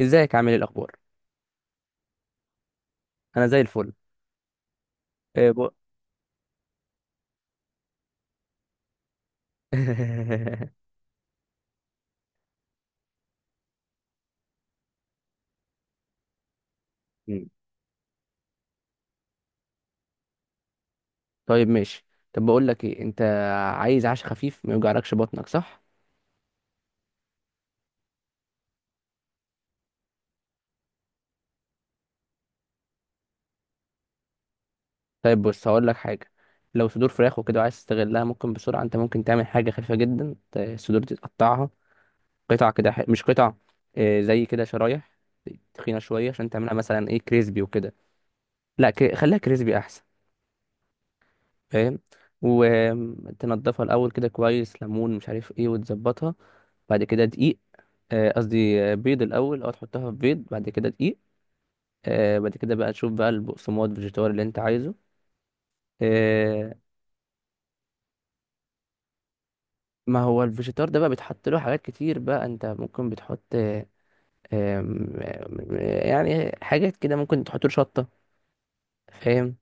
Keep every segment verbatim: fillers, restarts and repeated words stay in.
ازيك؟ عامل ايه، الاخبار؟ انا زي الفل. إيه بو... مم. طيب، ماشي. طب، بقول لك ايه، انت عايز عشاء خفيف ما يوجعلكش بطنك، صح؟ طيب، بص، هقول لك حاجه. لو صدور فراخ وكده عايز تستغلها، ممكن بسرعه انت ممكن تعمل حاجه خفيفه جدا، ت- الصدور دي تقطعها. قطع كده، ح... مش قطع. إيه، زي كده شرايح تخينه شويه عشان تعملها مثلا ايه كريسبي وكده. لا، ك... خليها كريسبي احسن. فاهم؟ وتنضفها الاول كده كويس، ليمون مش عارف ايه، وتظبطها. بعد كده دقيق. آه، قصدي آه، بيض الاول، اه تحطها في بيض، بعد كده دقيق. آه، بعد كده بقى تشوف بقى البقسماط الفيجيتار اللي انت عايزه. آه. ما هو الفيجيتار ده بقى بيتحط له حاجات كتير، بقى انت ممكن بتحط آه، آم، آم، يعني حاجات كده ممكن تحط له شطة. فاهم؟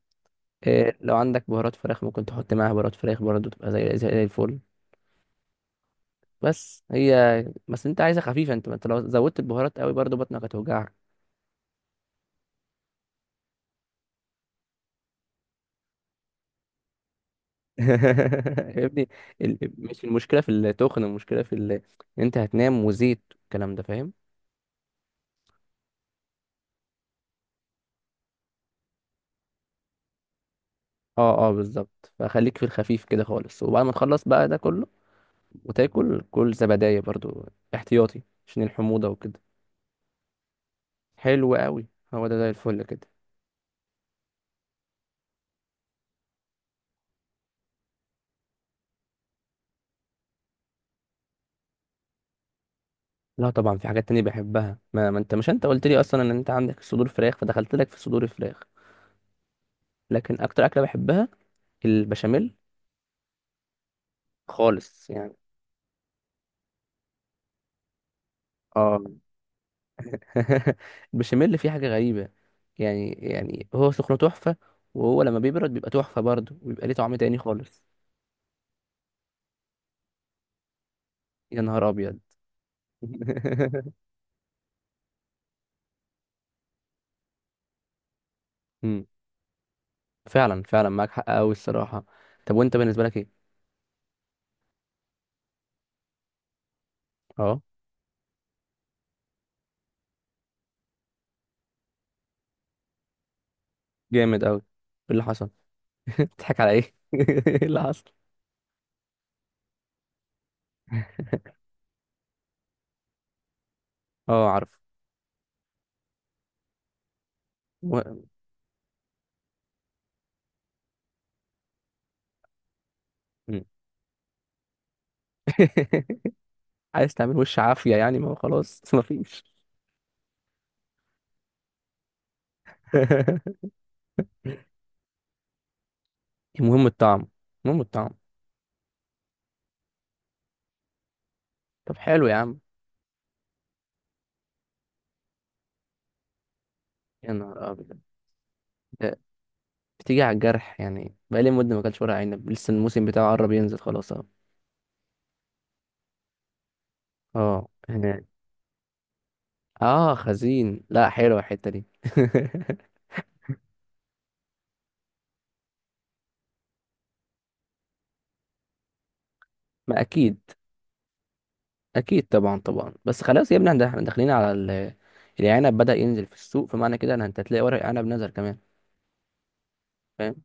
آه، لو عندك بهارات فراخ ممكن تحط معاها بهارات فراخ برضه، تبقى زي زي الفل. بس هي بس انت عايزها خفيفة، انت ما انت لو زودت البهارات قوي برضه بطنك هتوجعك. يا ابني، ال- مش المشكله في التخن، المشكله في ال... إن انت هتنام وزيت والكلام ده، فاهم؟ اه، اه، بالظبط، فخليك في الخفيف كده خالص، وبعد ما تخلص بقى ده كله وتاكل كل زبدايه برضو، احتياطي، عشان الحموضه وكده. حلو قوي. هو ده زي الفل كده. لا، طبعا في حاجات تانية بحبها، ما, ما انت، مش انت قلت لي اصلا ان انت عندك صدور فراخ، فدخلت لك في صدور الفراخ. لكن اكتر اكله بحبها البشاميل، خالص يعني. اه. البشاميل فيه حاجة غريبة. يعني يعني هو سخنه تحفة، وهو لما بيبرد بيبقى تحفة برضه، وبيبقى ليه طعم تاني خالص. يا نهار أبيض. مم. فعلا فعلا، معاك حق أوي الصراحة. طب، وأنت بالنسبة لك إيه؟ أه. جامد أوي! إيه اللي حصل؟ بتضحك على إيه؟ إيه اللي حصل؟ أه، عارف. و... مم. عايز تعمل وش عافية يعني، ما هو خلاص مفيش. المهم الطعم. المهم الطعم. طب، حلو يا عم. يا نهار أبيض. بتيجي على الجرح، يعني بقالي مدة ما اكلتش ورق عنب، لسه الموسم بتاعه قرب ينزل خلاص اهو. اه، هنا. اه، خزين، لا حلوة الحتة دي. ما اكيد. اكيد طبعا طبعا، بس خلاص يا ابني، احنا إحنا داخلين على ال- العنب بدأ ينزل في السوق، فمعنى كده ان انت هتلاقي ورق عنب نزل كمان. فاهم؟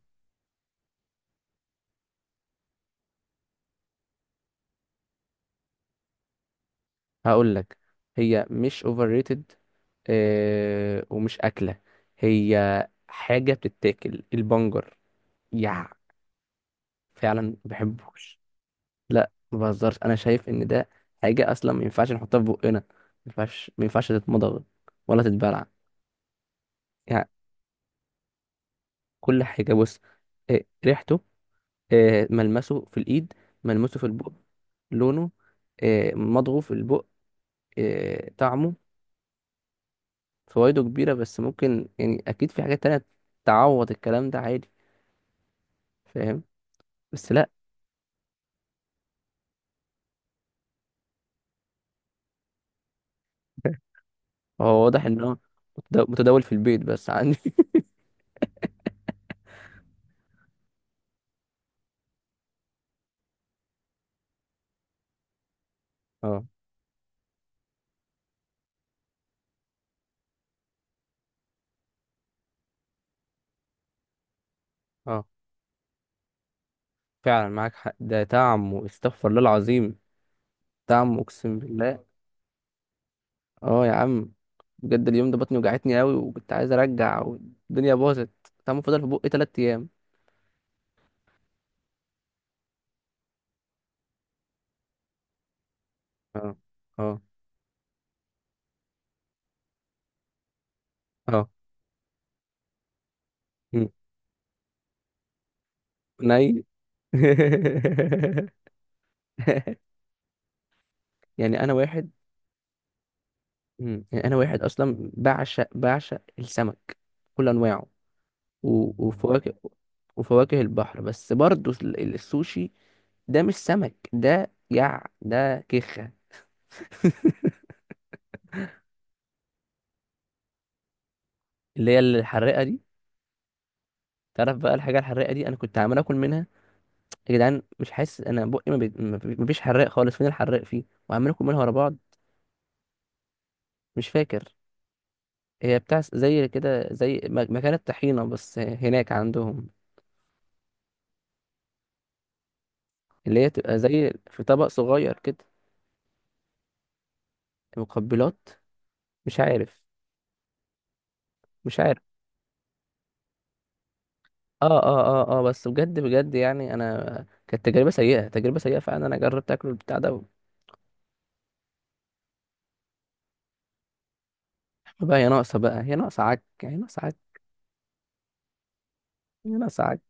هقول لك. هي مش اوفر ريتد، آه، ومش اكلة، هي حاجة بتتاكل، البنجر. يا فعلا ما بحبوش. لا، ما بهزرش، انا شايف ان ده حاجه اصلا ما ينفعش نحطها في بقنا، ما ينفعش ما ينفعش تتمضغ ولا تتبلع. يعني، كل حاجه، بص. إيه ريحته! إيه ملمسه في الايد! ملمسه في البق! لونه! إيه مضغه في البق! إيه طعمه! فوائده كبيره بس، ممكن يعني اكيد في حاجات تانية تعوض الكلام ده عادي. فاهم؟ بس لا، هو واضح ان هو متد- متداول في البيت بس عندي. اه، اه، فعلا معاك حق، ده طعمه استغفر الله العظيم، دعم، اقسم بالله. اه يا عم، بجد اليوم ده بطني وجعتني قوي، وكنت عايز ارجع والدنيا باظت. طعمه فضل في بقي تلات ايام. اه، اه، اه. مم. ني. يعني انا واحد. مم. يعني انا واحد اصلا بعشق بعشق السمك، كل انواعه، و- وفواكه، وفواكه البحر، بس برضه ال- ال- السوشي ده مش سمك، ده يع ده كيخة. اللي هي الحراقة دي. تعرف بقى الحاجة الحراقة دي، أنا كنت عمال آكل منها، يا جدعان مش حاسس انا بقي، ما بي- ما بي- مفيش حراق خالص، فين الحراق فيه، وعمالين كلهم ورا بعض. مش فاكر. هي بتاع س- زي كده، زي م- مكان الطحينه بس هناك عندهم. اللي هي تبقى زي في طبق صغير كده. مقبلات. مش عارف. مش عارف. اه، اه، اه، اه. بس بجد بجد، يعني انا كانت تجربه سيئه، تجربه سيئه فعلا، انا جربت اكل البتاع ده. بقى هي ناقصه، بقى هي ناقصه عك، هي ناقصه عك، هي ناقصه عك.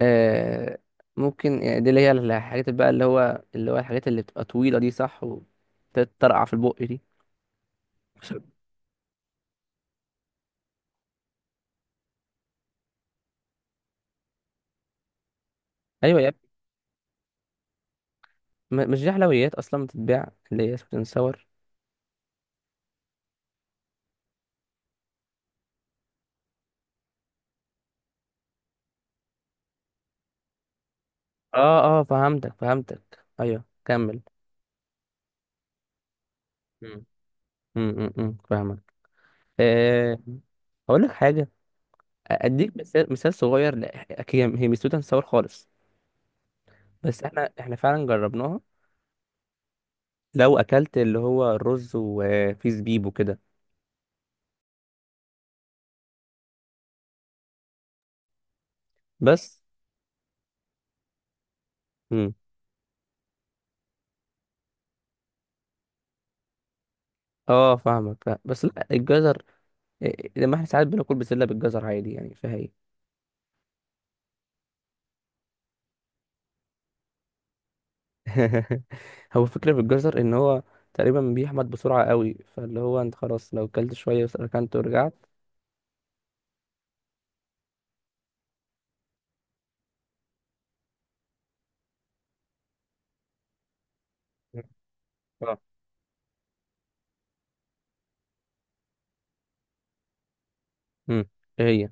آه. ممكن يعني دي اللي هي الحاجات بقى، اللي هو اللي هو الحاجات اللي بتبقى طويلة دي، صح؟ وتترقع في البق دي. ايوه يا ابني، م- مش دي حلويات اصلا بتتباع اللي هي سويت اند ساور. اه، اه، فهمتك، فهمتك، ايوه كمل. مم. امم امم فاهمك. آه. هقول لك حاجه، اديك مثال، مثال صغير. لا، هي هي مش سويت اند ساور خالص، بس احنا احنا فعلا جربناها. لو اكلت اللي هو الرز وفيه زبيب وكده. بس. اه، فاهمك، فاهم. بس لا، الجزر، إيه، لما احنا ساعات بناكل بسله بالجزر عادي، يعني فيها ايه؟ هو الفكره في الجزر ان هو تقريبا بيحمض بسرعه قوي، فاللي هو انت خلاص لو كلت شويه وسرحت ورجعت. اه. امم. ايه هي؟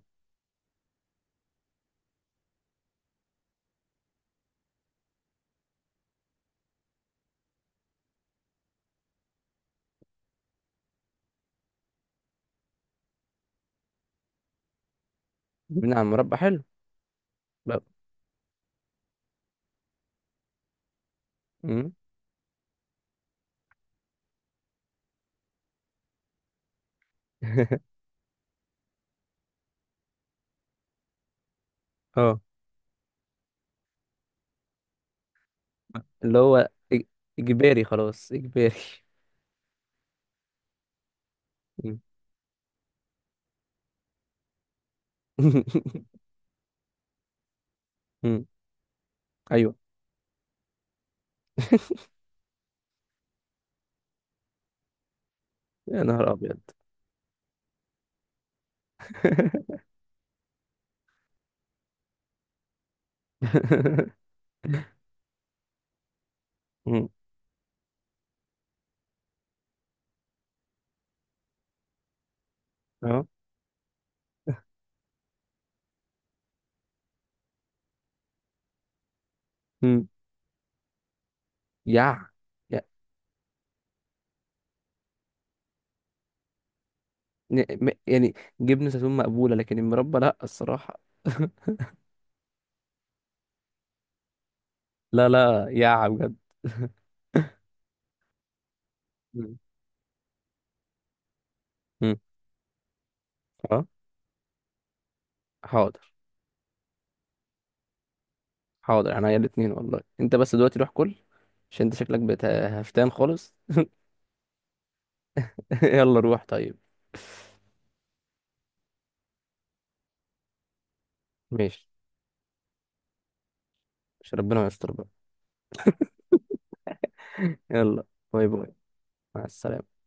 بنعمل مربى حلو. لا. امم. اه. اللي هو إج- اجباري، خلاص، اجباري. مم. مم. ايوه. يا نهار ابيض. مم. اه. مم. يا ن- م- يعني، جبنة زيتون مقبولة، لكن المربى لا، الصراحة. لا، لا، يا بجد. مم. مم. اه. حاضر. حاضر، يعني هي الاتنين والله، انت بس دلوقتي روح كل، عشان انت شكلك بقيت هفتان خالص. يلا روح طيب. ماشي. مش ربنا يستر بقى. يلا. باي باي. مع السلامة.